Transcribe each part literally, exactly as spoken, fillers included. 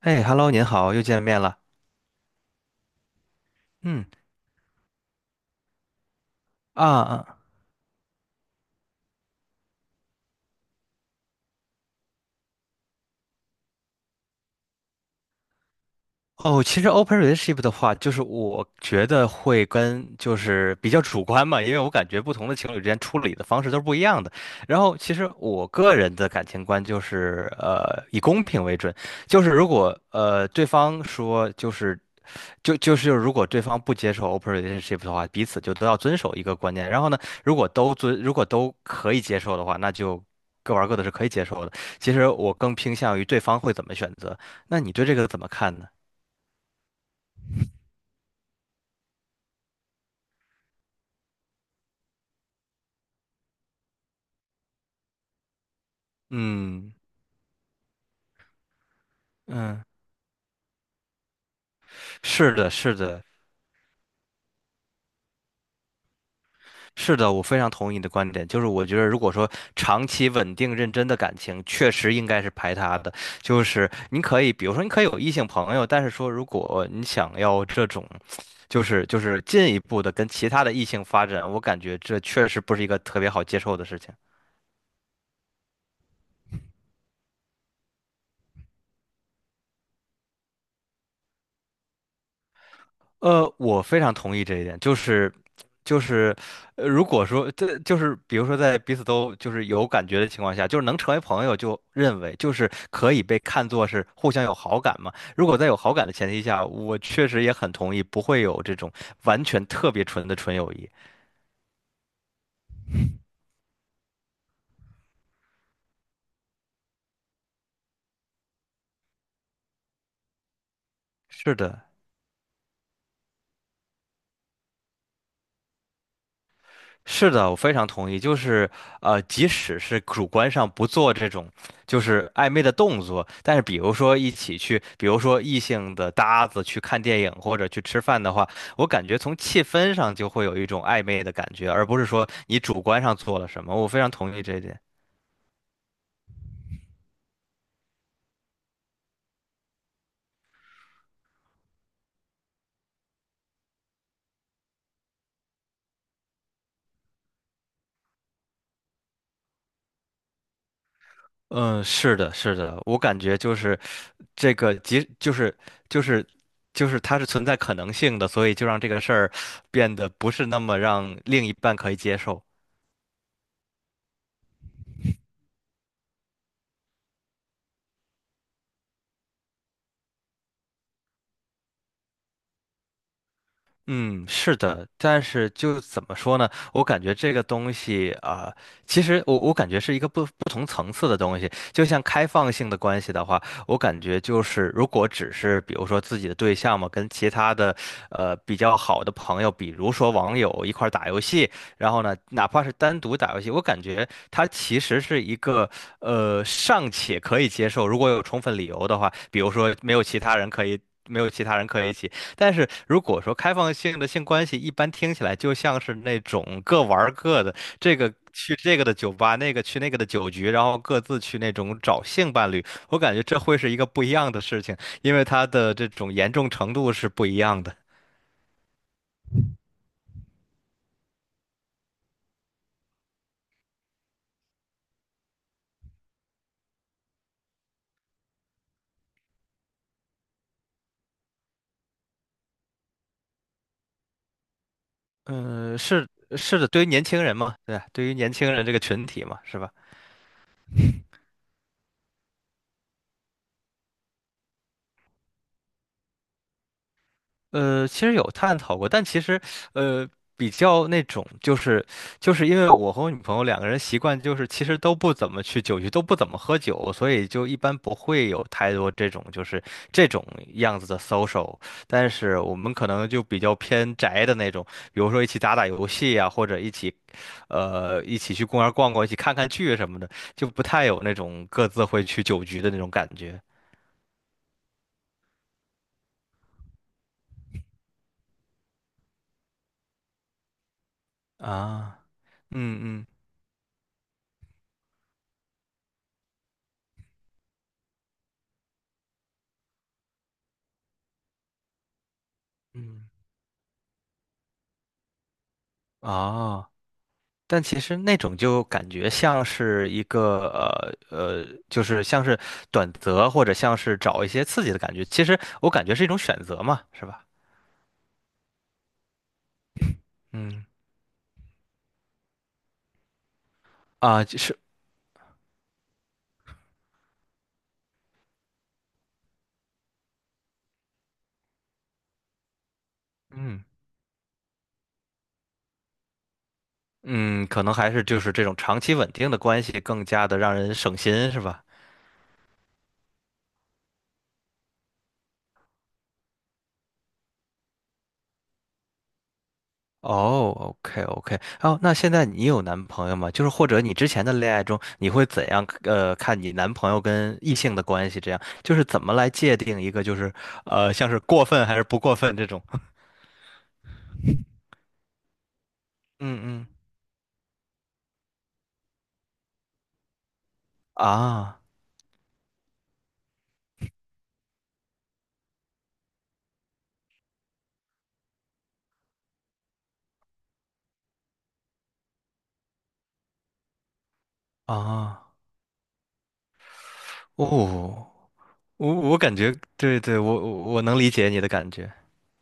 哎，Hello，您好，又见面了。嗯。啊啊。哦，其实 open relationship 的话，就是我觉得会跟就是比较主观嘛，因为我感觉不同的情侣之间处理的方式都是不一样的。然后，其实我个人的感情观就是呃以公平为准，就是如果呃对方说就是就就是如果对方不接受 open relationship 的话，彼此就都要遵守一个观念。然后呢，如果都遵如果都可以接受的话，那就各玩各的是可以接受的。其实我更偏向于对方会怎么选择，那你对这个怎么看呢？嗯嗯。是的，是的，是的，我非常同意你的观点。就是我觉得，如果说长期稳定认真的感情，确实应该是排他的。就是你可以，比如说你可以有异性朋友，但是说如果你想要这种，就是就是进一步的跟其他的异性发展，我感觉这确实不是一个特别好接受的事情。呃，我非常同意这一点，就是就是，呃如果说这就是比如说在彼此都就是有感觉的情况下，就是能成为朋友，就认为就是可以被看作是互相有好感嘛。如果在有好感的前提下，我确实也很同意，不会有这种完全特别纯的纯友谊。是的。是的，我非常同意。就是，呃，即使是主观上不做这种就是暧昧的动作，但是比如说一起去，比如说异性的搭子去看电影或者去吃饭的话，我感觉从气氛上就会有一种暧昧的感觉，而不是说你主观上做了什么。我非常同意这一点。嗯，是的，是的，我感觉就是这个，即就是就是就是它是存在可能性的，所以就让这个事儿变得不是那么让另一半可以接受。嗯，是的，但是就怎么说呢？我感觉这个东西啊、其实我我感觉是一个不不同层次的东西。就像开放性的关系的话，我感觉就是如果只是比如说自己的对象嘛，跟其他的呃比较好的朋友，比如说网友一块儿打游戏，然后呢，哪怕是单独打游戏，我感觉它其实是一个呃尚且可以接受，如果有充分理由的话，比如说没有其他人可以。没有其他人可以一起，但是如果说开放性的性关系，一般听起来就像是那种各玩儿各的，这个去这个的酒吧，那个去那个的酒局，然后各自去那种找性伴侣。我感觉这会是一个不一样的事情，因为它的这种严重程度是不一样的。嗯。是是的，对于年轻人嘛，对吧，对于年轻人这个群体嘛，是吧？呃，其实有探讨过，但其实，呃，比较那种，就是就是因为我和我女朋友两个人习惯就是其实都不怎么去酒局，都不怎么喝酒，所以就一般不会有太多这种就是这种样子的 social。但是我们可能就比较偏宅的那种，比如说一起打打游戏呀、或者一起，呃，一起去公园逛逛，一起看看剧什么的，就不太有那种各自会去酒局的那种感觉啊。嗯嗯嗯。哦。但其实那种就感觉像是一个呃呃，就是像是短则或者像是找一些刺激的感觉。其实我感觉是一种选择嘛，是吧？嗯。啊，就是嗯嗯，可能还是就是这种长期稳定的关系更加的让人省心，是吧？哦，OK OK。哦，那现在你有男朋友吗？就是或者你之前的恋爱中，你会怎样呃看你男朋友跟异性的关系？这样就是怎么来界定一个就是呃像是过分还是不过分这种？嗯嗯。啊啊。哦，我我感觉对对，我我我能理解你的感觉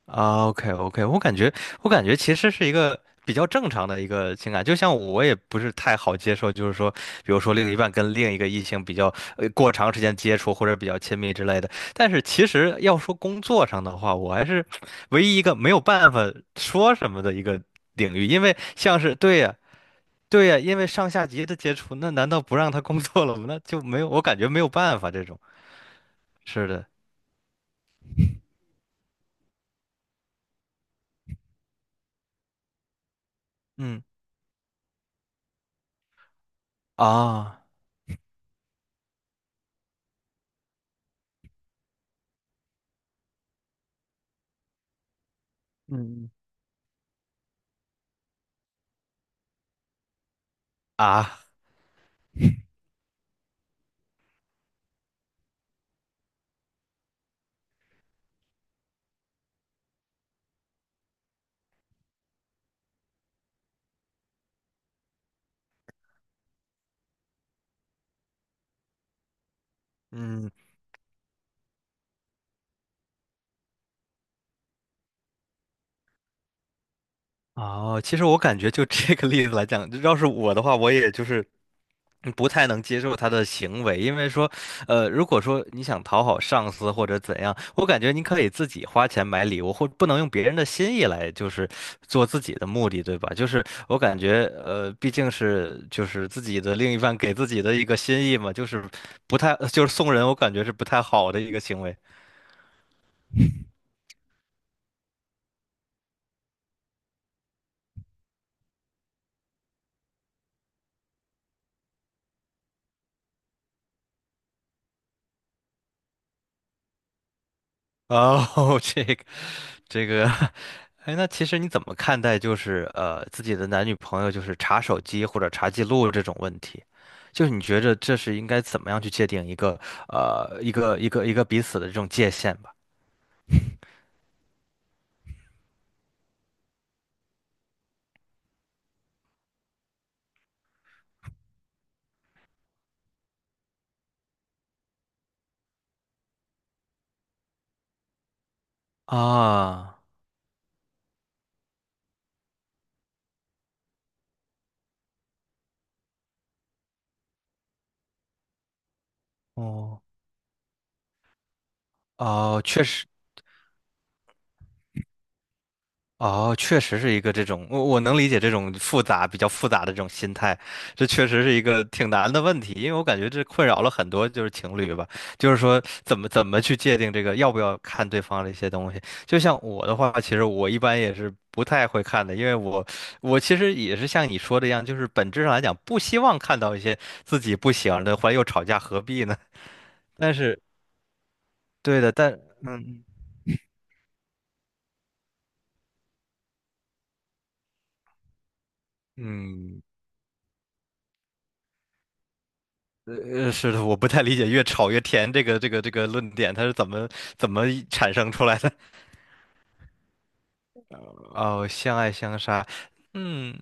啊。OK OK，我感觉我感觉其实是一个比较正常的一个情感，就像我也不是太好接受，就是说，比如说另一半跟另一个异性比较呃过长时间接触或者比较亲密之类的。但是其实要说工作上的话，我还是唯一一个没有办法说什么的一个领域，因为像是对呀。对呀，因为上下级的接触，那难道不让他工作了吗？那就没有，我感觉没有办法这种。是的。嗯。啊嗯。啊。嗯。哦，其实我感觉就这个例子来讲，要是我的话，我也就是不太能接受他的行为，因为说，呃，如果说你想讨好上司或者怎样，我感觉你可以自己花钱买礼物，或不能用别人的心意来就是做自己的目的，对吧？就是我感觉，呃，毕竟是就是自己的另一半给自己的一个心意嘛，就是不太呃就是送人，我感觉是不太好的一个行为。哦，这个，这个，哎，那其实你怎么看待就是呃自己的男女朋友就是查手机或者查记录这种问题？就是你觉着这是应该怎么样去界定一个呃一个一个一个彼此的这种界限吧？啊。哦哦，确实。哦，确实是一个这种，我我能理解这种复杂、比较复杂的这种心态，这确实是一个挺难的问题，因为我感觉这困扰了很多就是情侣吧，就是说怎么怎么去界定这个要不要看对方的一些东西。就像我的话，其实我一般也是不太会看的，因为我我其实也是像你说的一样，就是本质上来讲不希望看到一些自己不喜欢的，后来又吵架，何必呢？但是对的，但嗯。呃，呃，是的，我不太理解"越吵越甜"这个这个这个论点，它是怎么怎么产生出来的？哦，相爱相杀。嗯，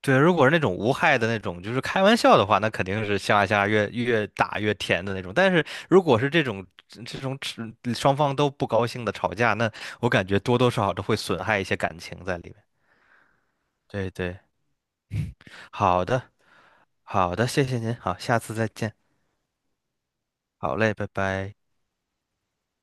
对，如果是那种无害的那种，就是开玩笑的话，那肯定是相爱相杀越越打越甜的那种。但是如果是这种这种只双方都不高兴的吵架，那我感觉多多少少都会损害一些感情在里面。对对。好的，好的，谢谢您，好，下次再见，好嘞，拜拜。